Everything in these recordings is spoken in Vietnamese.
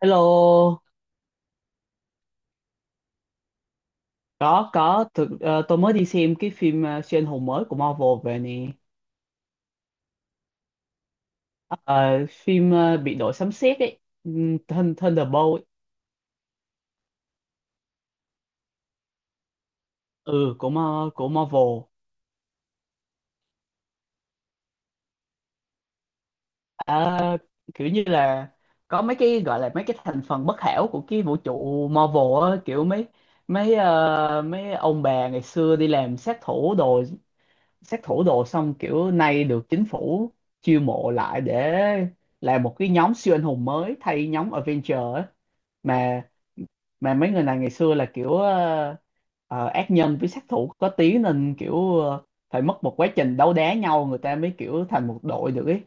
Hello, có thực tôi mới đi xem cái phim siêu anh hùng mới của Marvel về nè. Ờ, phim bị đội sấm sét ấy, Thunderbolt ấy. Ừ của Marvel. Ờ, kiểu như là có mấy cái gọi là mấy cái thành phần bất hảo của cái vũ trụ Marvel á, kiểu mấy mấy ờ, mấy ông bà ngày xưa đi làm sát thủ đồ xong kiểu nay được chính phủ chiêu mộ lại để làm một cái nhóm siêu anh hùng mới thay nhóm Avenger ấy, mà mà mấy người này ngày xưa là kiểu ác nhân với sát thủ có tiếng nên kiểu phải mất một quá trình đấu đá nhau người ta mới kiểu thành một đội được ấy,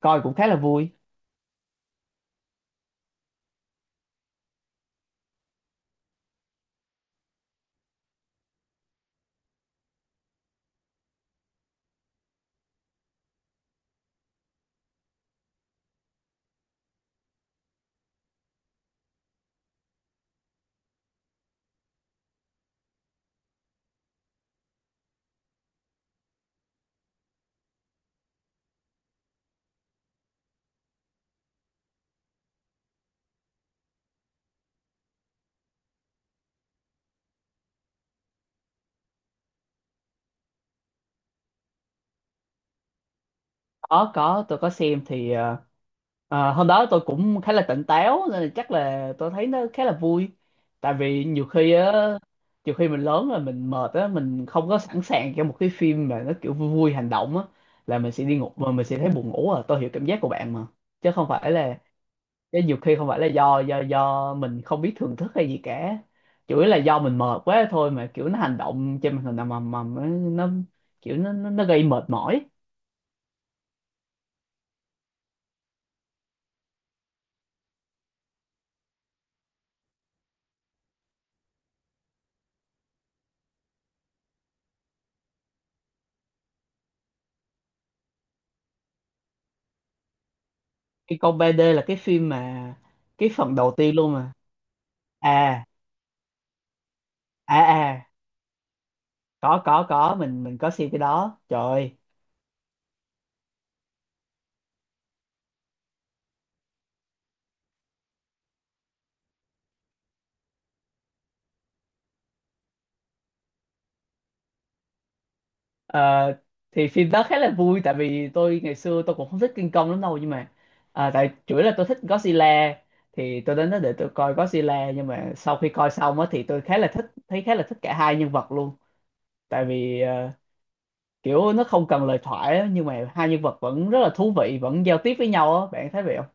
coi cũng khá là vui. Có tôi có xem thì hôm đó tôi cũng khá là tỉnh táo nên là chắc là tôi thấy nó khá là vui, tại vì nhiều khi á, nhiều khi mình lớn rồi mình mệt á, mình không có sẵn sàng cho một cái phim mà nó kiểu vui vui hành động á, là mình sẽ đi ngủ mà mình sẽ thấy buồn ngủ, à tôi hiểu cảm giác của bạn mà. chứ không phải là Chứ nhiều khi không phải là do mình không biết thưởng thức hay gì cả, chủ yếu là do mình mệt quá thôi, mà kiểu nó hành động trên màn hình ầm ầm ầm ấy, nó kiểu nó gây mệt mỏi. Cái con 3D là cái phim mà cái phần đầu tiên luôn mà. À à à có mình có xem cái đó, trời ơi. Ờ, thì phim đó khá là vui, tại vì tôi ngày xưa tôi cũng không thích King Kong lắm đâu, nhưng mà tại chủ yếu là tôi thích Godzilla, thì tôi đến đó để tôi coi Godzilla, nhưng mà sau khi coi xong á thì tôi khá là thích, thấy khá là thích cả hai nhân vật luôn. Tại vì kiểu nó không cần lời thoại á, nhưng mà hai nhân vật vẫn rất là thú vị, vẫn giao tiếp với nhau á, bạn thấy vậy không?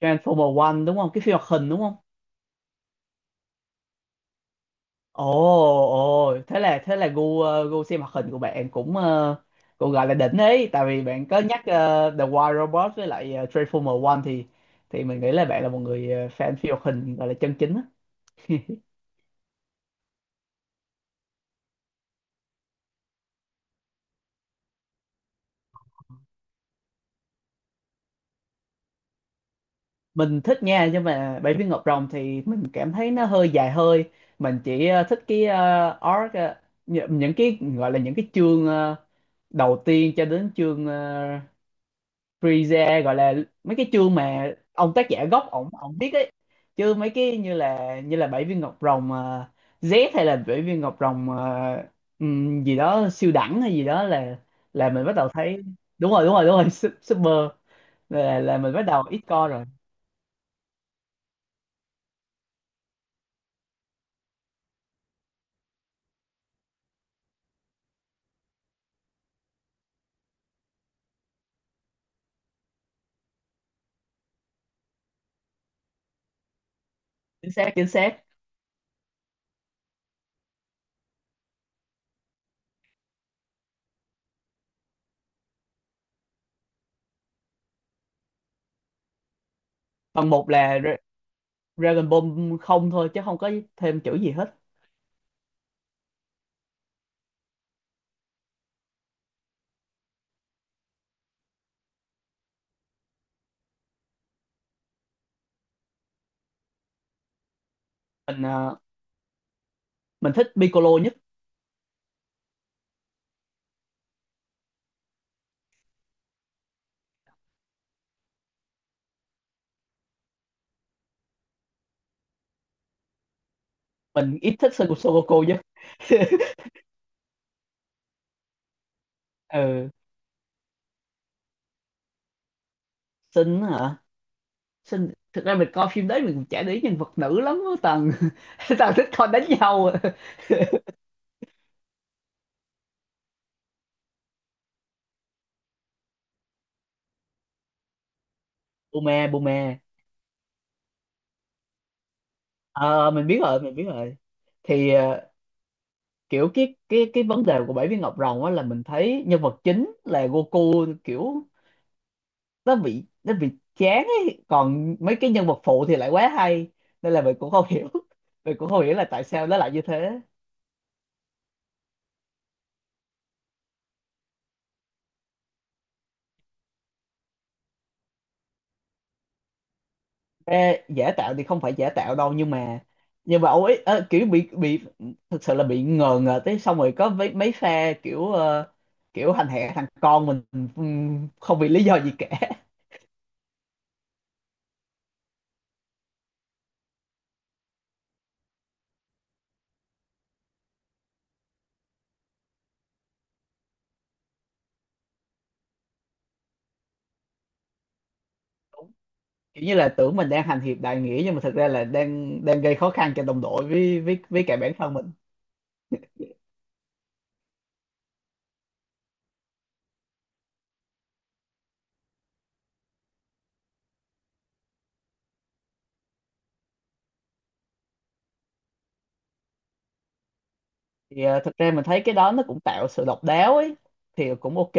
Transformer One đúng không? Cái phim hoạt hình đúng không? Ồ, ồ, thế là gu xem hoạt hình của bạn cũng cũng gọi là đỉnh ấy, tại vì bạn có nhắc The Wild Robot với lại Transformer One, thì mình nghĩ là bạn là một người fan phim hoạt hình gọi là chân chính á. Mình thích nha, nhưng mà Bảy viên ngọc rồng thì mình cảm thấy nó hơi dài hơi. Mình chỉ thích cái arc, những cái gọi là những cái chương đầu tiên cho đến chương freeze, gọi là mấy cái chương mà ông tác giả gốc ổng ổng viết ấy. Chứ mấy cái như là bảy viên ngọc rồng Z, hay là bảy viên ngọc rồng gì đó siêu đẳng hay gì đó, là mình bắt đầu thấy, đúng rồi đúng rồi đúng rồi, super, là mình bắt đầu ít coi rồi. Chính xác, chính xác. Phần một là Dragon Ball không thôi, chứ không có thêm chữ gì hết. mình ờ, mình thích Piccolo nhất. Mình ít thích Son Goku nhất. Ừ, xinh hả? Xin, thực ra mình coi phim đấy mình cũng chả để ý nhân vật nữ lắm á Tần. Tần thích coi đánh nhau à. Bume, Bume, ờ mình biết rồi, mình biết rồi. Thì kiểu cái vấn đề của Bảy Viên Ngọc Rồng á, là mình thấy nhân vật chính là Goku kiểu nó bị chán ấy, còn mấy cái nhân vật phụ thì lại quá hay, nên là mình cũng không hiểu, mình cũng không hiểu là tại sao nó lại như thế. Ê, giả tạo thì không phải giả tạo đâu, nhưng mà ông ấy kiểu bị thực sự là bị ngờ ngờ tới, xong rồi có mấy mấy pha kiểu hành hạ thằng con mình, không vì lý do gì cả, kiểu như là tưởng mình đang hành hiệp đại nghĩa, nhưng mà thực ra là đang đang gây khó khăn cho đồng đội với với cả bản thân mình. Thì thực ra mình thấy cái đó nó cũng tạo sự độc đáo ấy, thì cũng ok,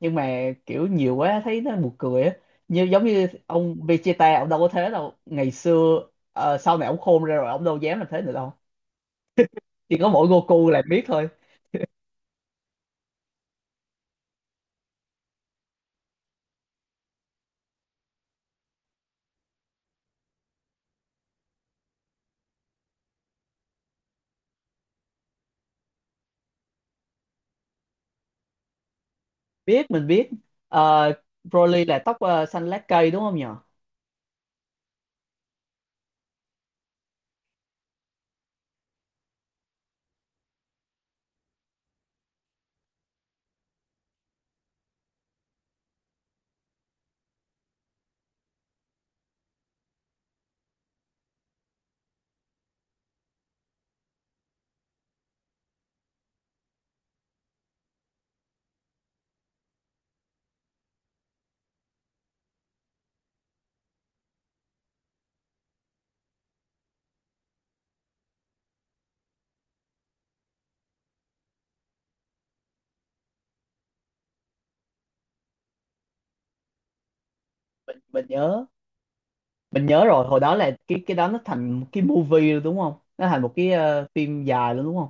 nhưng mà kiểu nhiều quá thấy nó buồn cười á, như giống như ông Vegeta ông đâu có thế đâu ngày xưa. Ờ, sau này ông khôn ra rồi ông đâu dám làm thế nữa đâu, chỉ có mỗi Goku là biết thôi. Mình biết. Ờ, Broly là tóc xanh lá cây đúng không nhỉ? mình mình nhớ mình nhớ rồi, hồi đó là cái đó nó thành một cái movie rồi đúng không, nó thành một cái phim dài luôn đúng không?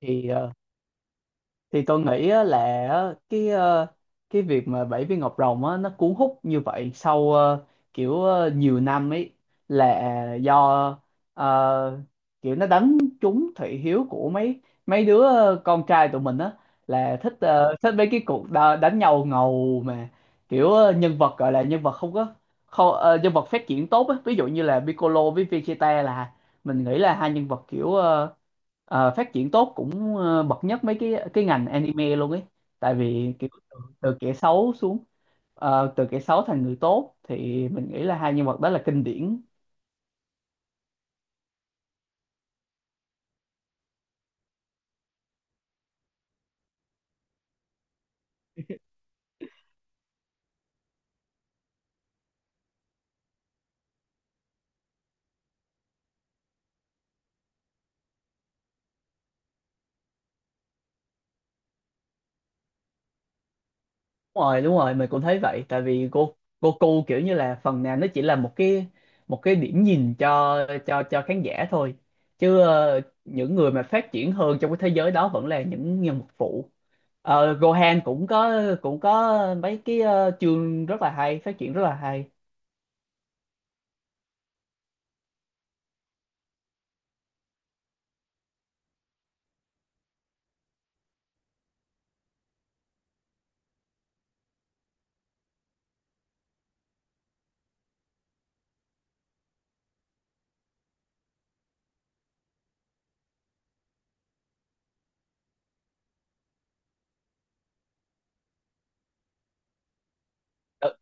thì ờ, thì tôi nghĩ á là á, cái ờ, cái việc mà Bảy Viên Ngọc Rồng á, nó cuốn hút như vậy sau nhiều năm ấy, là do ờ, kiểu nó đánh trúng thị hiếu của mấy mấy đứa con trai tụi mình á, là thích thích mấy cái đánh nhau ngầu, mà kiểu nhân vật gọi là nhân vật không có không, ờ, nhân vật phát triển tốt á, ví dụ như là Piccolo với Vegeta, là mình nghĩ là hai nhân vật phát triển tốt cũng bậc nhất mấy cái ngành anime luôn ấy, tại vì kiểu từ kẻ xấu xuống, từ kẻ xấu thành người tốt, thì mình nghĩ là hai nhân vật đó là kinh điển. Đúng rồi, mình cũng thấy vậy, tại vì Goku kiểu như là phần nào nó chỉ là một cái điểm nhìn cho cho khán giả thôi. Chứ những người mà phát triển hơn trong cái thế giới đó vẫn là những nhân vật phụ. Ờ, Gohan cũng có mấy cái chương rất là hay, phát triển rất là hay. Ờ,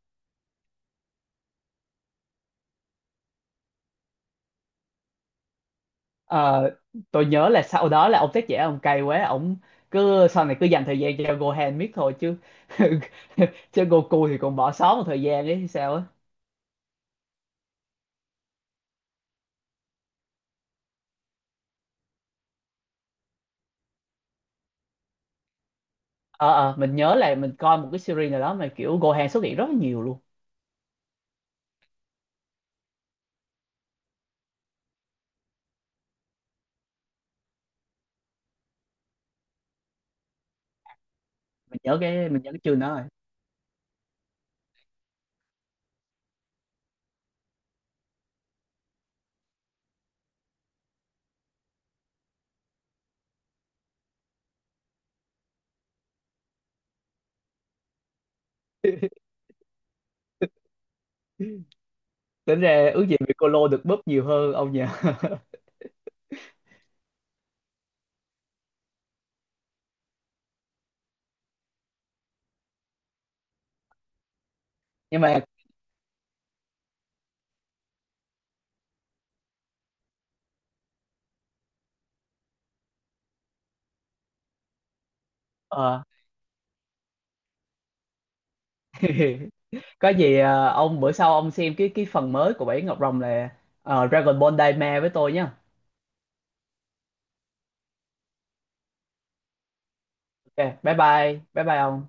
Ờ, tôi nhớ là sau đó là ông tác giả ông cay quá, ông sau này cứ dành thời gian cho Gohan miết thôi, chứ chứ Goku thì còn bỏ sót một thời gian đấy sao á. Ờ, mình nhớ là mình coi một cái series nào đó mà kiểu Gohan xuất hiện rất là nhiều luôn. Mình nhớ cái chương đó rồi. Tính ra ước gì bị cô Lô được búp nhiều hơn ông nhỉ. Nhưng mà ờ, có gì ông bữa sau ông xem cái phần mới của Bảy Ngọc Rồng là Dragon Ball Daima với tôi nhá. Ok, bye bye ông.